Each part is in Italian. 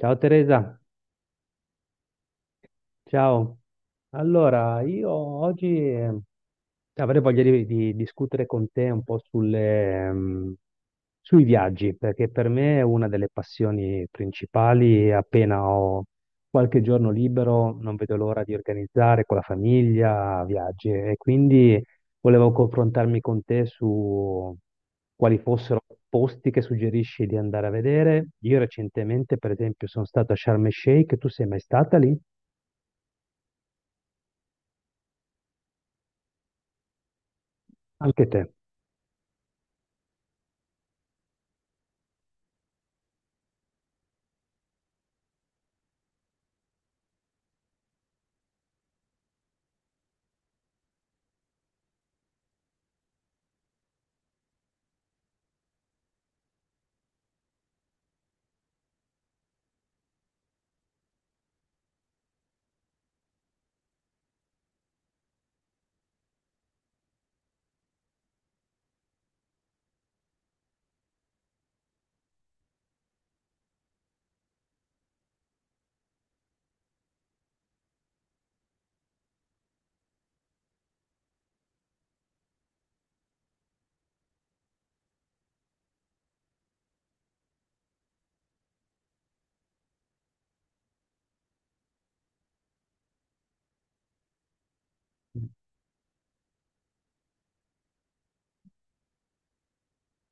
Ciao Teresa. Ciao. Allora io oggi avrei voglia di discutere con te un po' sulle sui viaggi, perché per me è una delle passioni principali e appena ho qualche giorno libero non vedo l'ora di organizzare con la famiglia viaggi, e quindi volevo confrontarmi con te su quali fossero posti che suggerisci di andare a vedere. Io recentemente, per esempio, sono stato a Sharm el Sheikh, tu sei mai stata lì? Anche te.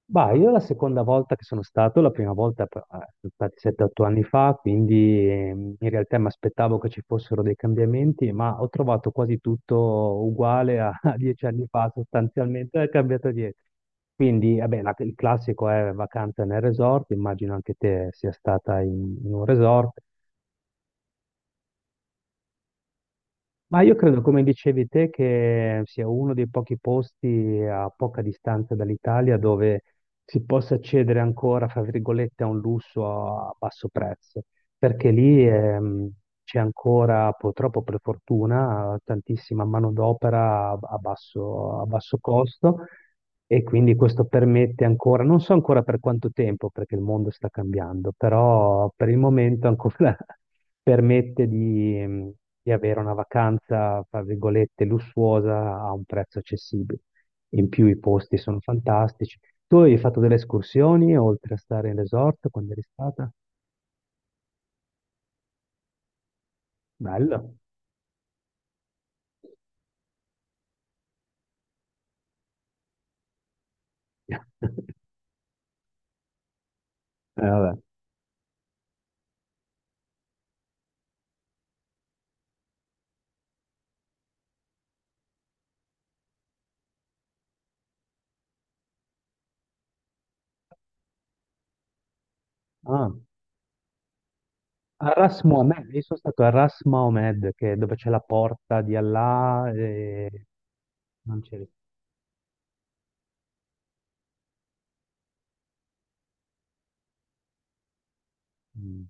Bah, io la seconda volta che sono stato, la prima volta sono stati 7-8 anni fa, quindi in realtà mi aspettavo che ci fossero dei cambiamenti, ma ho trovato quasi tutto uguale a 10 anni fa, sostanzialmente non è cambiato dietro. Quindi, vabbè, il classico è vacanza nel resort, immagino anche te sia stata in un resort. Ma io credo, come dicevi te, che sia uno dei pochi posti a poca distanza dall'Italia dove si possa accedere ancora, fra virgolette, a un lusso a basso prezzo, perché lì c'è ancora, purtroppo per fortuna, tantissima manodopera a basso, a basso costo, e quindi questo permette ancora, non so ancora per quanto tempo, perché il mondo sta cambiando, però per il momento ancora permette di avere una vacanza, fra virgolette, lussuosa a un prezzo accessibile. In più i posti sono fantastici. Tu hai fatto delle escursioni oltre a stare in resort quando eri stata? Bello. Eh, vabbè. Ah, a Ras Mohammed, io sono stato a Ras Mohammed, che è dove c'è la porta di Allah e non c'è... Mm,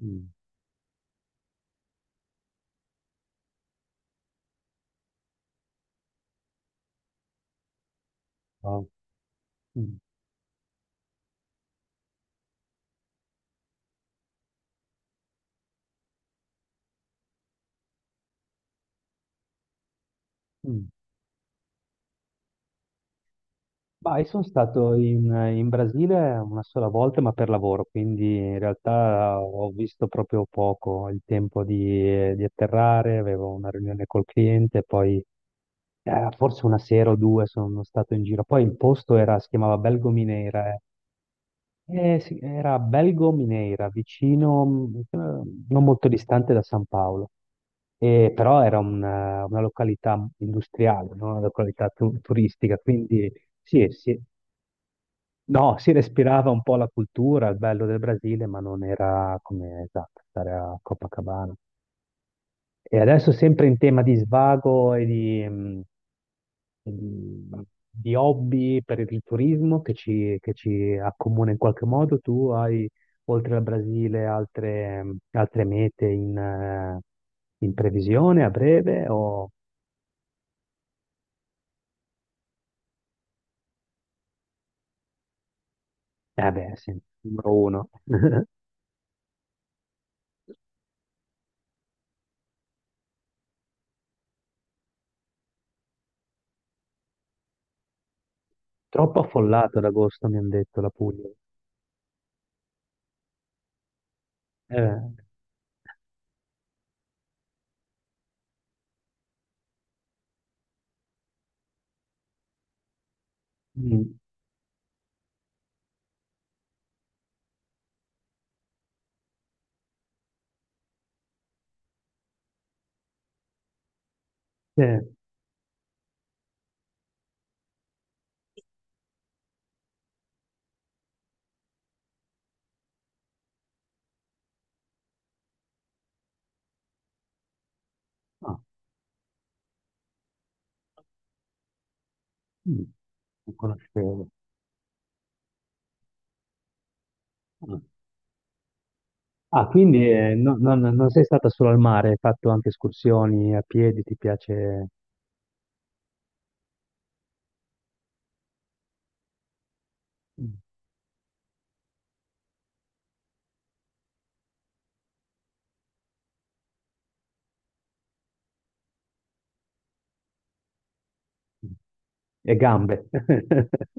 mm, wow, mm, mm. Ma io sono stato in Brasile una sola volta, ma per lavoro, quindi in realtà ho visto proprio poco, il tempo di atterrare, avevo una riunione col cliente, poi forse una sera o due sono stato in giro. Poi il posto era, si chiamava Belgo. Sì, era Belgo Mineira, vicino, non molto distante da San Paolo. E però era una località industriale, no? Una località turistica, quindi sì, sì, no, si respirava un po' la cultura, il bello del Brasile, ma non era come, esatto, stare a Copacabana. E adesso sempre in tema di svago e di, di hobby per il turismo che ci accomuna in qualche modo. Tu hai, oltre al Brasile, altre, altre mete in previsione a breve? O... Eh beh, sì, numero uno. Troppo affollato ad agosto, mi hanno detto la Puglia. Eh, mm, eh, ah, mm, non conoscevo. Ah. Ah, quindi non sei stata solo al mare, hai fatto anche escursioni a piedi, ti piace? Mm. E gambe.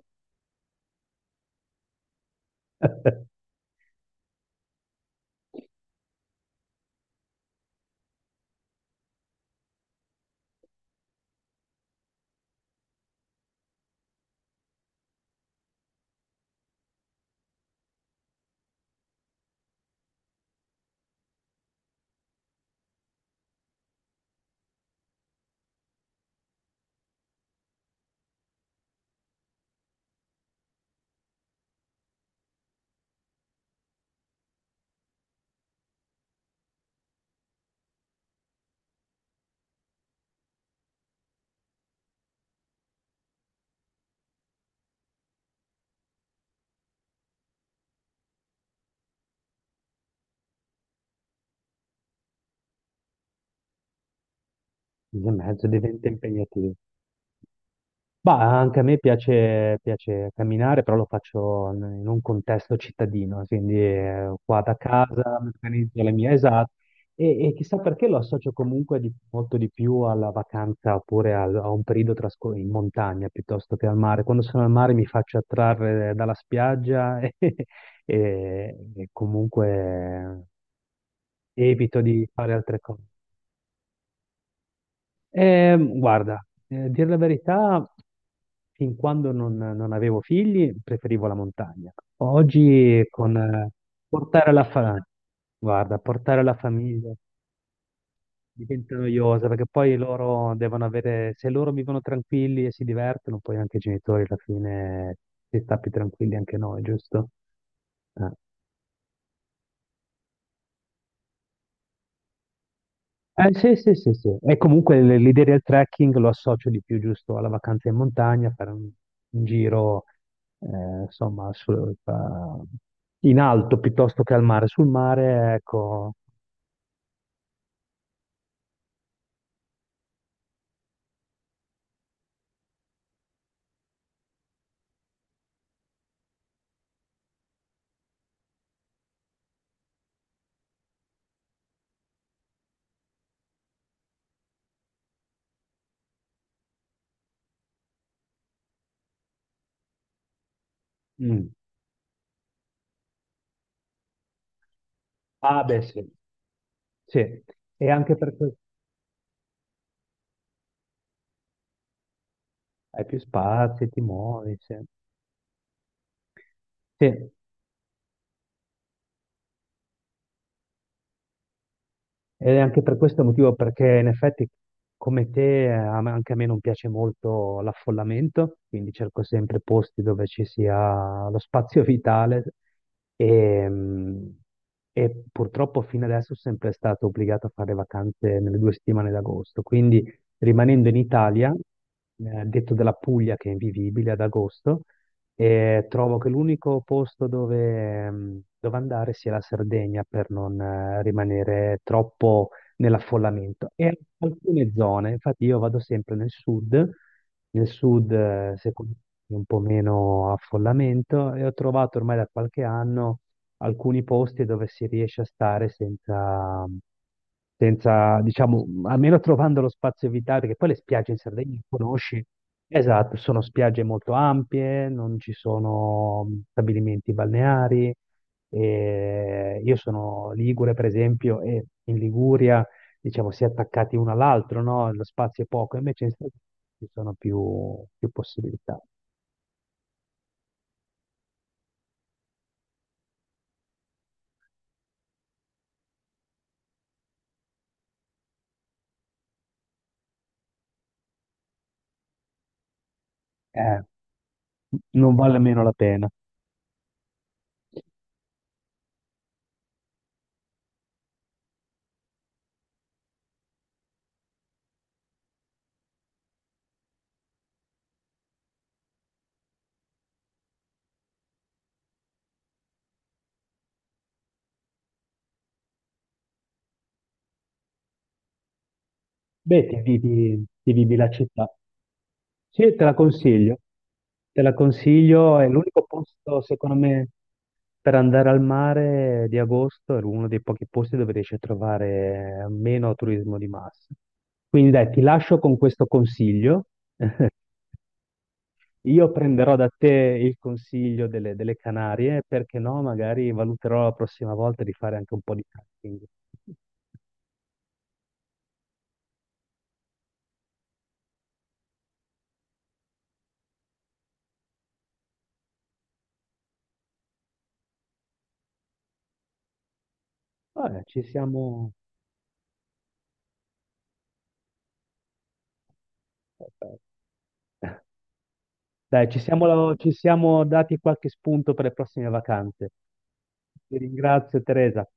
Due e mezzo diventa impegnativo. Ma anche a me piace, piace camminare, però lo faccio in un contesto cittadino, quindi qua da casa mi organizzo le mie, esatto. E chissà perché lo associo comunque molto di più alla vacanza oppure a un periodo in montagna piuttosto che al mare. Quando sono al mare mi faccio attrarre dalla spiaggia e comunque evito di fare altre cose. Guarda, dire la verità, fin quando non avevo figli, preferivo la montagna. Oggi con portare la fa- guarda, portare la famiglia diventa noiosa perché poi loro devono avere, se loro vivono tranquilli e si divertono, poi anche i genitori alla fine si sta più tranquilli anche noi, giusto? Eh. Sì, sì, sì, sì. E comunque l'idea del trekking lo associo di più, giusto, alla vacanza in montagna, fare un giro, insomma, in alto piuttosto che al mare. Sul mare, ecco. Mm. Ah, beh, sì. Sì. E anche per questo hai più spazi, ti muovi, sì. Sì. Ed è anche per questo motivo, perché in effetti come te, anche a me non piace molto l'affollamento, quindi cerco sempre posti dove ci sia lo spazio vitale e, mm, e purtroppo fino adesso sono sempre stato obbligato a fare vacanze nelle 2 settimane d'agosto, quindi rimanendo in Italia, detto della Puglia che è invivibile ad agosto, e trovo che l'unico posto dove, dove andare sia la Sardegna, per non rimanere troppo nell'affollamento. E alcune zone, infatti io vado sempre nel sud secondo me, un po' meno affollamento, e ho trovato ormai da qualche anno alcuni posti dove si riesce a stare senza, diciamo, almeno trovando lo spazio vitale, perché poi le spiagge in Sardegna le conosci. Esatto, sono spiagge molto ampie, non ci sono stabilimenti balneari. E io sono Ligure, per esempio, e in Liguria, diciamo, si è attaccati uno all'altro, no? Lo spazio è poco, invece in Sardegna ci sono più possibilità. Eh, non vale meno la pena. Beh, ti vivi la città. Sì, te la consiglio. Te la consiglio, è l'unico posto, secondo me, per andare al mare di agosto, è uno dei pochi posti dove riesci a trovare meno turismo di massa. Quindi dai, ti lascio con questo consiglio. Io prenderò da te il consiglio delle Canarie, perché no, magari valuterò la prossima volta di fare anche un po' di trekking. Vabbè, ci siamo... Dai, ci siamo dati qualche spunto per le prossime vacanze. Ti ringrazio, Teresa.